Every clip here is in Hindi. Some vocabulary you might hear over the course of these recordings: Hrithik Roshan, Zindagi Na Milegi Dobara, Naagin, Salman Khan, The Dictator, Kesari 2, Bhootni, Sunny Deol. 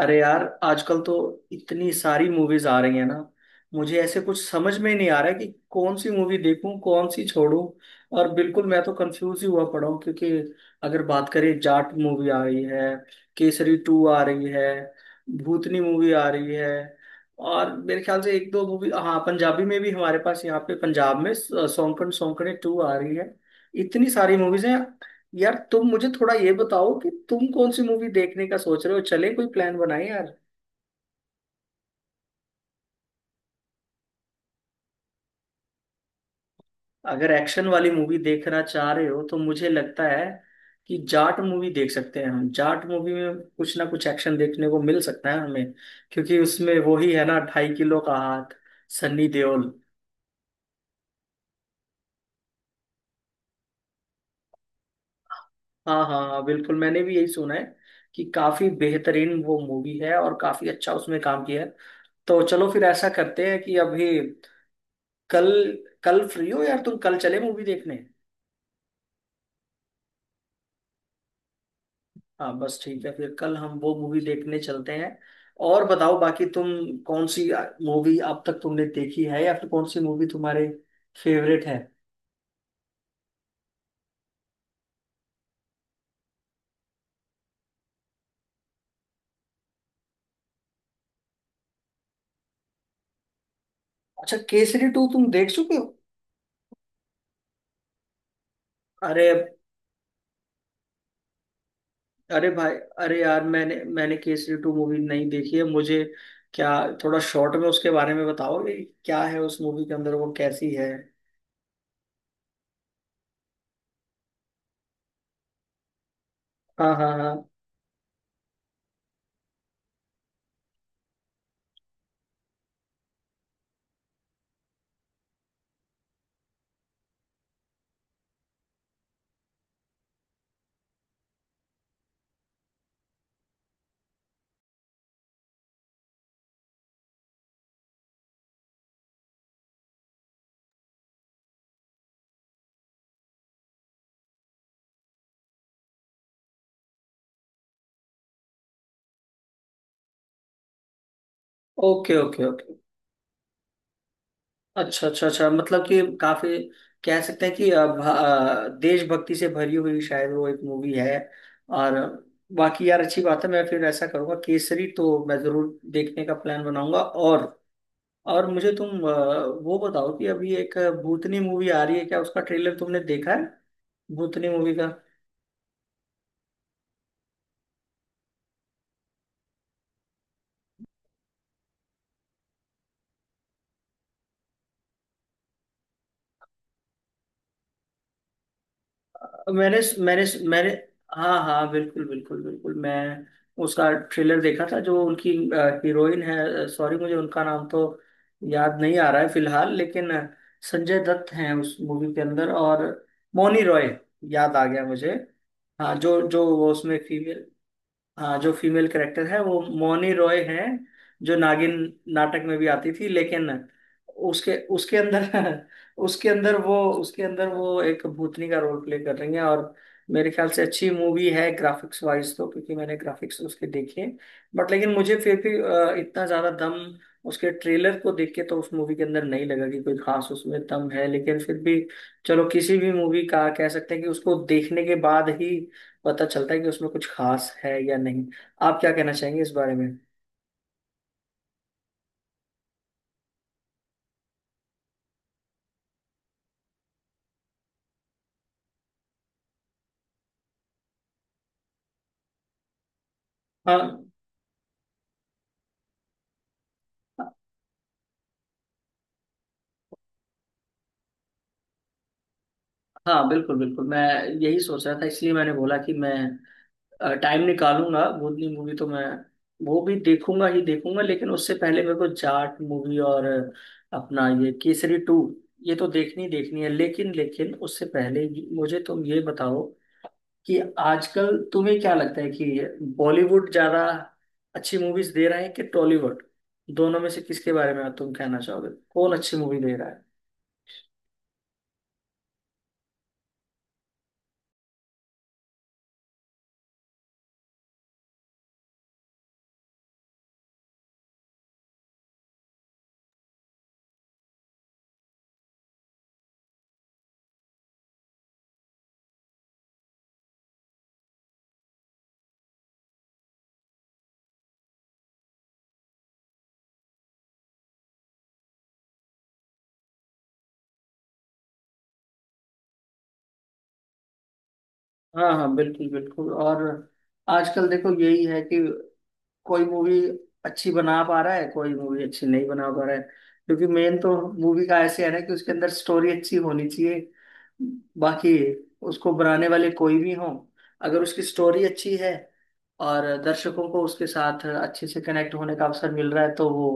अरे यार, आजकल तो इतनी सारी मूवीज आ रही है ना। मुझे ऐसे कुछ समझ में नहीं आ रहा है कि कौन सी मूवी देखूं कौन सी छोड़ूं। और बिल्कुल मैं तो कंफ्यूज ही हुआ पड़ा हूं, क्योंकि अगर बात करें जाट मूवी आ रही है, केसरी टू आ रही है, भूतनी मूवी आ रही है, और मेरे ख्याल से एक दो मूवी हाँ पंजाबी में भी हमारे पास यहाँ पे पंजाब में सौंकन सौंकने टू आ रही है। इतनी सारी मूवीज हैं यार। तुम मुझे थोड़ा ये बताओ कि तुम कौन सी मूवी देखने का सोच रहे हो, चले कोई प्लान बनाए यार। अगर एक्शन वाली मूवी देखना चाह रहे हो तो मुझे लगता है कि जाट मूवी देख सकते हैं हम। जाट मूवी में कुछ ना कुछ एक्शन देखने को मिल सकता है हमें, क्योंकि उसमें वो ही है ना, ढाई किलो का हाथ, सन्नी देओल। हाँ हाँ हाँ, बिल्कुल मैंने भी यही सुना है कि काफी बेहतरीन वो मूवी है और काफी अच्छा उसमें काम किया है। तो चलो फिर ऐसा करते हैं कि अभी कल, कल फ्री हो यार तुम? कल चले मूवी देखने? हाँ बस ठीक है, फिर कल हम वो मूवी देखने चलते हैं। और बताओ बाकी तुम कौन सी मूवी अब तक तुमने देखी है, या फिर कौन सी मूवी तुम्हारे फेवरेट है? अच्छा, केसरी टू तुम देख चुके हो? अरे, अरे भाई, अरे यार मैंने मैंने केसरी टू मूवी नहीं देखी है मुझे। क्या थोड़ा शॉर्ट में उसके बारे में बताओगे क्या है उस मूवी के अंदर, वो कैसी है? हाँ हाँ हाँ, ओके ओके ओके, अच्छा अच्छा अच्छा, मतलब कि काफी कह सकते हैं कि देशभक्ति से भरी हुई शायद वो एक मूवी है। और बाकी यार अच्छी बात है, मैं फिर ऐसा करूंगा, केसरी तो मैं जरूर देखने का प्लान बनाऊंगा। और मुझे तुम वो बताओ कि अभी एक भूतनी मूवी आ रही है, क्या उसका ट्रेलर तुमने देखा है? भूतनी मूवी का? मैंने मैंने मैंने हाँ हाँ, बिल्कुल बिल्कुल बिल्कुल, मैं उसका ट्रेलर देखा था। जो उनकी हीरोइन है, सॉरी मुझे उनका नाम तो याद नहीं आ रहा है फिलहाल, लेकिन संजय दत्त हैं उस मूवी के अंदर और मौनी रॉय, याद आ गया मुझे। हाँ, जो जो वो उसमें फीमेल, हाँ जो फीमेल कैरेक्टर है वो मौनी रॉय है, जो नागिन नाटक में भी आती थी। लेकिन उसके उसके अंदर उसके अंदर वो, उसके अंदर वो एक भूतनी का रोल प्ले कर रही हैं। और मेरे ख्याल से अच्छी मूवी है ग्राफिक्स वाइज तो, क्योंकि मैंने ग्राफिक्स उसके देखे। बट लेकिन मुझे फिर भी इतना ज्यादा दम उसके ट्रेलर को देख के तो उस मूवी के अंदर नहीं लगा कि कोई खास उसमें दम है। लेकिन फिर भी चलो, किसी भी मूवी का कह सकते हैं कि उसको देखने के बाद ही पता चलता है कि उसमें कुछ खास है या नहीं। आप क्या कहना चाहेंगे इस बारे में? हाँ हाँ, बिल्कुल बिल्कुल, मैं यही सोच रहा था। इसलिए मैंने बोला कि मैं टाइम निकालूंगा, भूतनी मूवी तो मैं वो भी देखूंगा ही देखूंगा, लेकिन उससे पहले मेरे को जाट मूवी और अपना ये केसरी टू, ये तो देखनी देखनी है। लेकिन लेकिन उससे पहले ही मुझे तुम ये बताओ कि आजकल तुम्हें क्या लगता है कि बॉलीवुड ज्यादा अच्छी मूवीज दे रहा है कि टॉलीवुड? दोनों में से किसके बारे में तुम कहना चाहोगे कौन अच्छी मूवी दे रहा है? हाँ हाँ, बिल्कुल बिल्कुल। और आजकल देखो यही है कि कोई मूवी अच्छी बना पा रहा है, कोई मूवी अच्छी नहीं बना पा रहा है, क्योंकि मेन तो मूवी का ऐसे है ना कि उसके अंदर स्टोरी अच्छी होनी चाहिए। बाकी उसको बनाने वाले कोई भी हों, अगर उसकी स्टोरी अच्छी है और दर्शकों को उसके साथ अच्छे से कनेक्ट होने का अवसर मिल रहा है, तो वो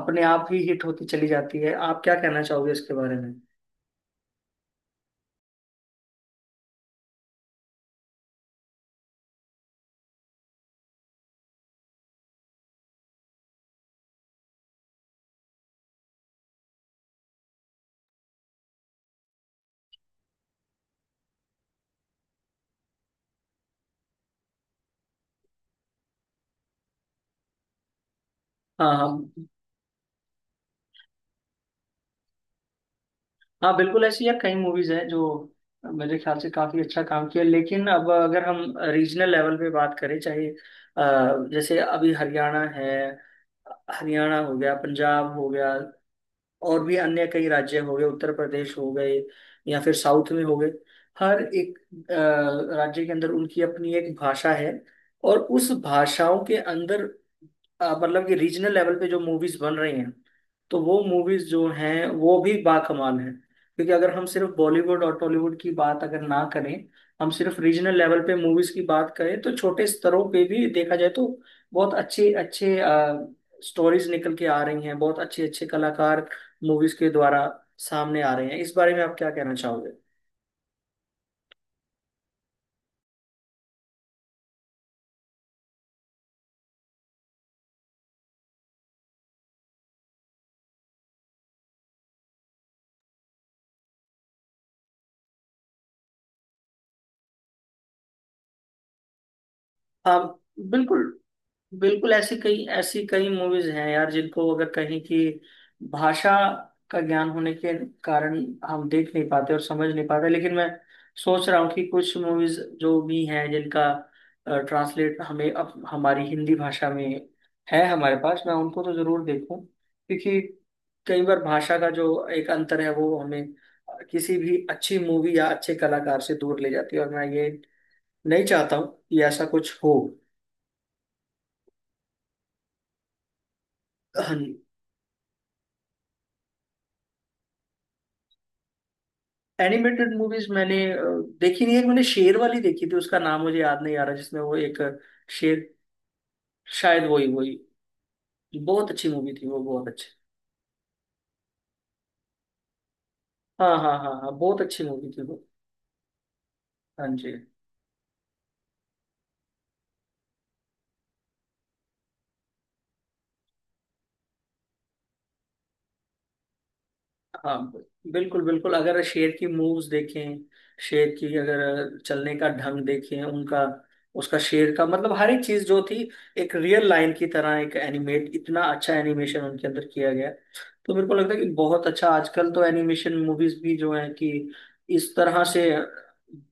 अपने आप ही हिट होती चली जाती है। आप क्या कहना चाहोगे इसके बारे में? हाँ हाँ हाँ, बिल्कुल। ऐसी यार कई मूवीज हैं जो मेरे ख्याल से काफी अच्छा काम किया, लेकिन अब अगर हम रीजनल लेवल पे बात करें, चाहे जैसे अभी हरियाणा है, हरियाणा हो गया, पंजाब हो गया, और भी अन्य कई राज्य हो गए, उत्तर प्रदेश हो गए, या फिर साउथ में हो गए। हर एक राज्य के अंदर उनकी अपनी एक भाषा है, और उस भाषाओं के अंदर मतलब कि रीजनल लेवल पे जो मूवीज बन रही हैं, तो वो मूवीज जो हैं वो भी बाकमाल हैं। क्योंकि अगर हम सिर्फ बॉलीवुड और टॉलीवुड की बात अगर ना करें, हम सिर्फ रीजनल लेवल पे मूवीज की बात करें तो छोटे स्तरों पे भी देखा जाए तो बहुत अच्छे अच्छे स्टोरीज निकल के आ रही हैं, बहुत अच्छे अच्छे कलाकार मूवीज के द्वारा सामने आ रहे हैं। इस बारे में आप क्या कहना चाहोगे? हाँ बिल्कुल बिल्कुल। ऐसी कई मूवीज हैं यार जिनको अगर कहीं की भाषा का ज्ञान होने के कारण हम देख नहीं पाते और समझ नहीं पाते, लेकिन मैं सोच रहा हूँ कि कुछ मूवीज जो भी हैं जिनका ट्रांसलेट हमें अब हमारी हिंदी भाषा में है हमारे पास, मैं उनको तो जरूर देखूं, क्योंकि कई बार भाषा का जो एक अंतर है वो हमें किसी भी अच्छी मूवी या अच्छे कलाकार से दूर ले जाती है, और मैं ये नहीं चाहता हूँ कि ऐसा कुछ हो। एनिमेटेड मूवीज मैंने देखी नहीं है। मैंने शेर वाली देखी थी, उसका नाम मुझे याद नहीं आ रहा, जिसमें वो एक शेर, शायद वही वही। बहुत अच्छी मूवी थी वो, बहुत अच्छी। हाँ हाँ हाँ हाँ, बहुत अच्छी मूवी थी वो। हाँ जी, हाँ बिल्कुल बिल्कुल। अगर शेर की मूव्स देखें, शेर की अगर चलने का ढंग देखें उनका, उसका शेर का, मतलब हर एक चीज जो थी एक रियल लाइन की तरह, एक एनिमेट, इतना अच्छा एनिमेशन उनके अंदर किया गया। तो मेरे को लगता है कि बहुत अच्छा आजकल तो एनिमेशन मूवीज भी जो है कि इस तरह से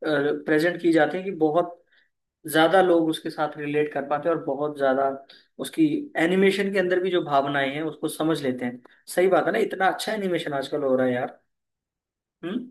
प्रेजेंट की जाती है कि बहुत ज्यादा लोग उसके साथ रिलेट कर पाते हैं और बहुत ज्यादा उसकी एनिमेशन के अंदर भी जो भावनाएं हैं उसको समझ लेते हैं। सही बात है ना, इतना अच्छा एनिमेशन आजकल हो रहा है यार। हम्म।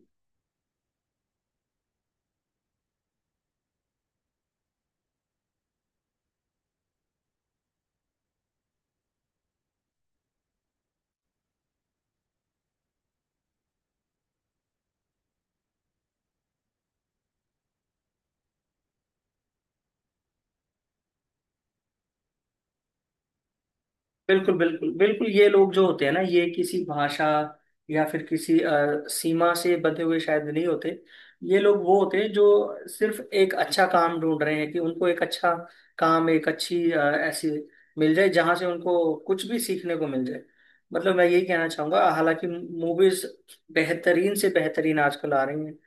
बिल्कुल बिल्कुल बिल्कुल, ये लोग जो होते हैं ना ये किसी भाषा या फिर किसी सीमा से बंधे हुए शायद नहीं होते। ये लोग वो होते हैं जो सिर्फ एक अच्छा काम ढूंढ रहे हैं कि उनको एक अच्छा काम, एक अच्छी ऐसी मिल जाए जहां से उनको कुछ भी सीखने को मिल जाए। मतलब मैं यही कहना चाहूंगा, हालांकि मूवीज बेहतरीन से बेहतरीन आजकल आ रही हैं।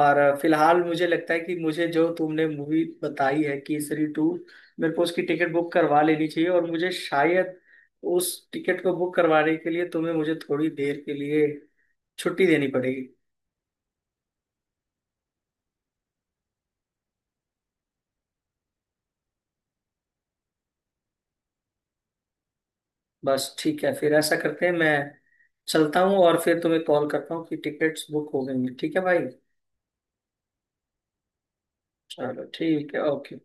और फिलहाल मुझे लगता है कि मुझे जो तुमने मूवी बताई है केसरी टू, मेरे को उसकी टिकट बुक करवा लेनी चाहिए। और मुझे शायद उस टिकट को बुक करवाने के लिए तुम्हें मुझे थोड़ी देर के लिए छुट्टी देनी पड़ेगी। बस ठीक है फिर, ऐसा करते हैं मैं चलता हूँ और फिर तुम्हें कॉल करता हूँ कि टिकट्स बुक हो गई हैं। ठीक है भाई? चलो ठीक है, ओके।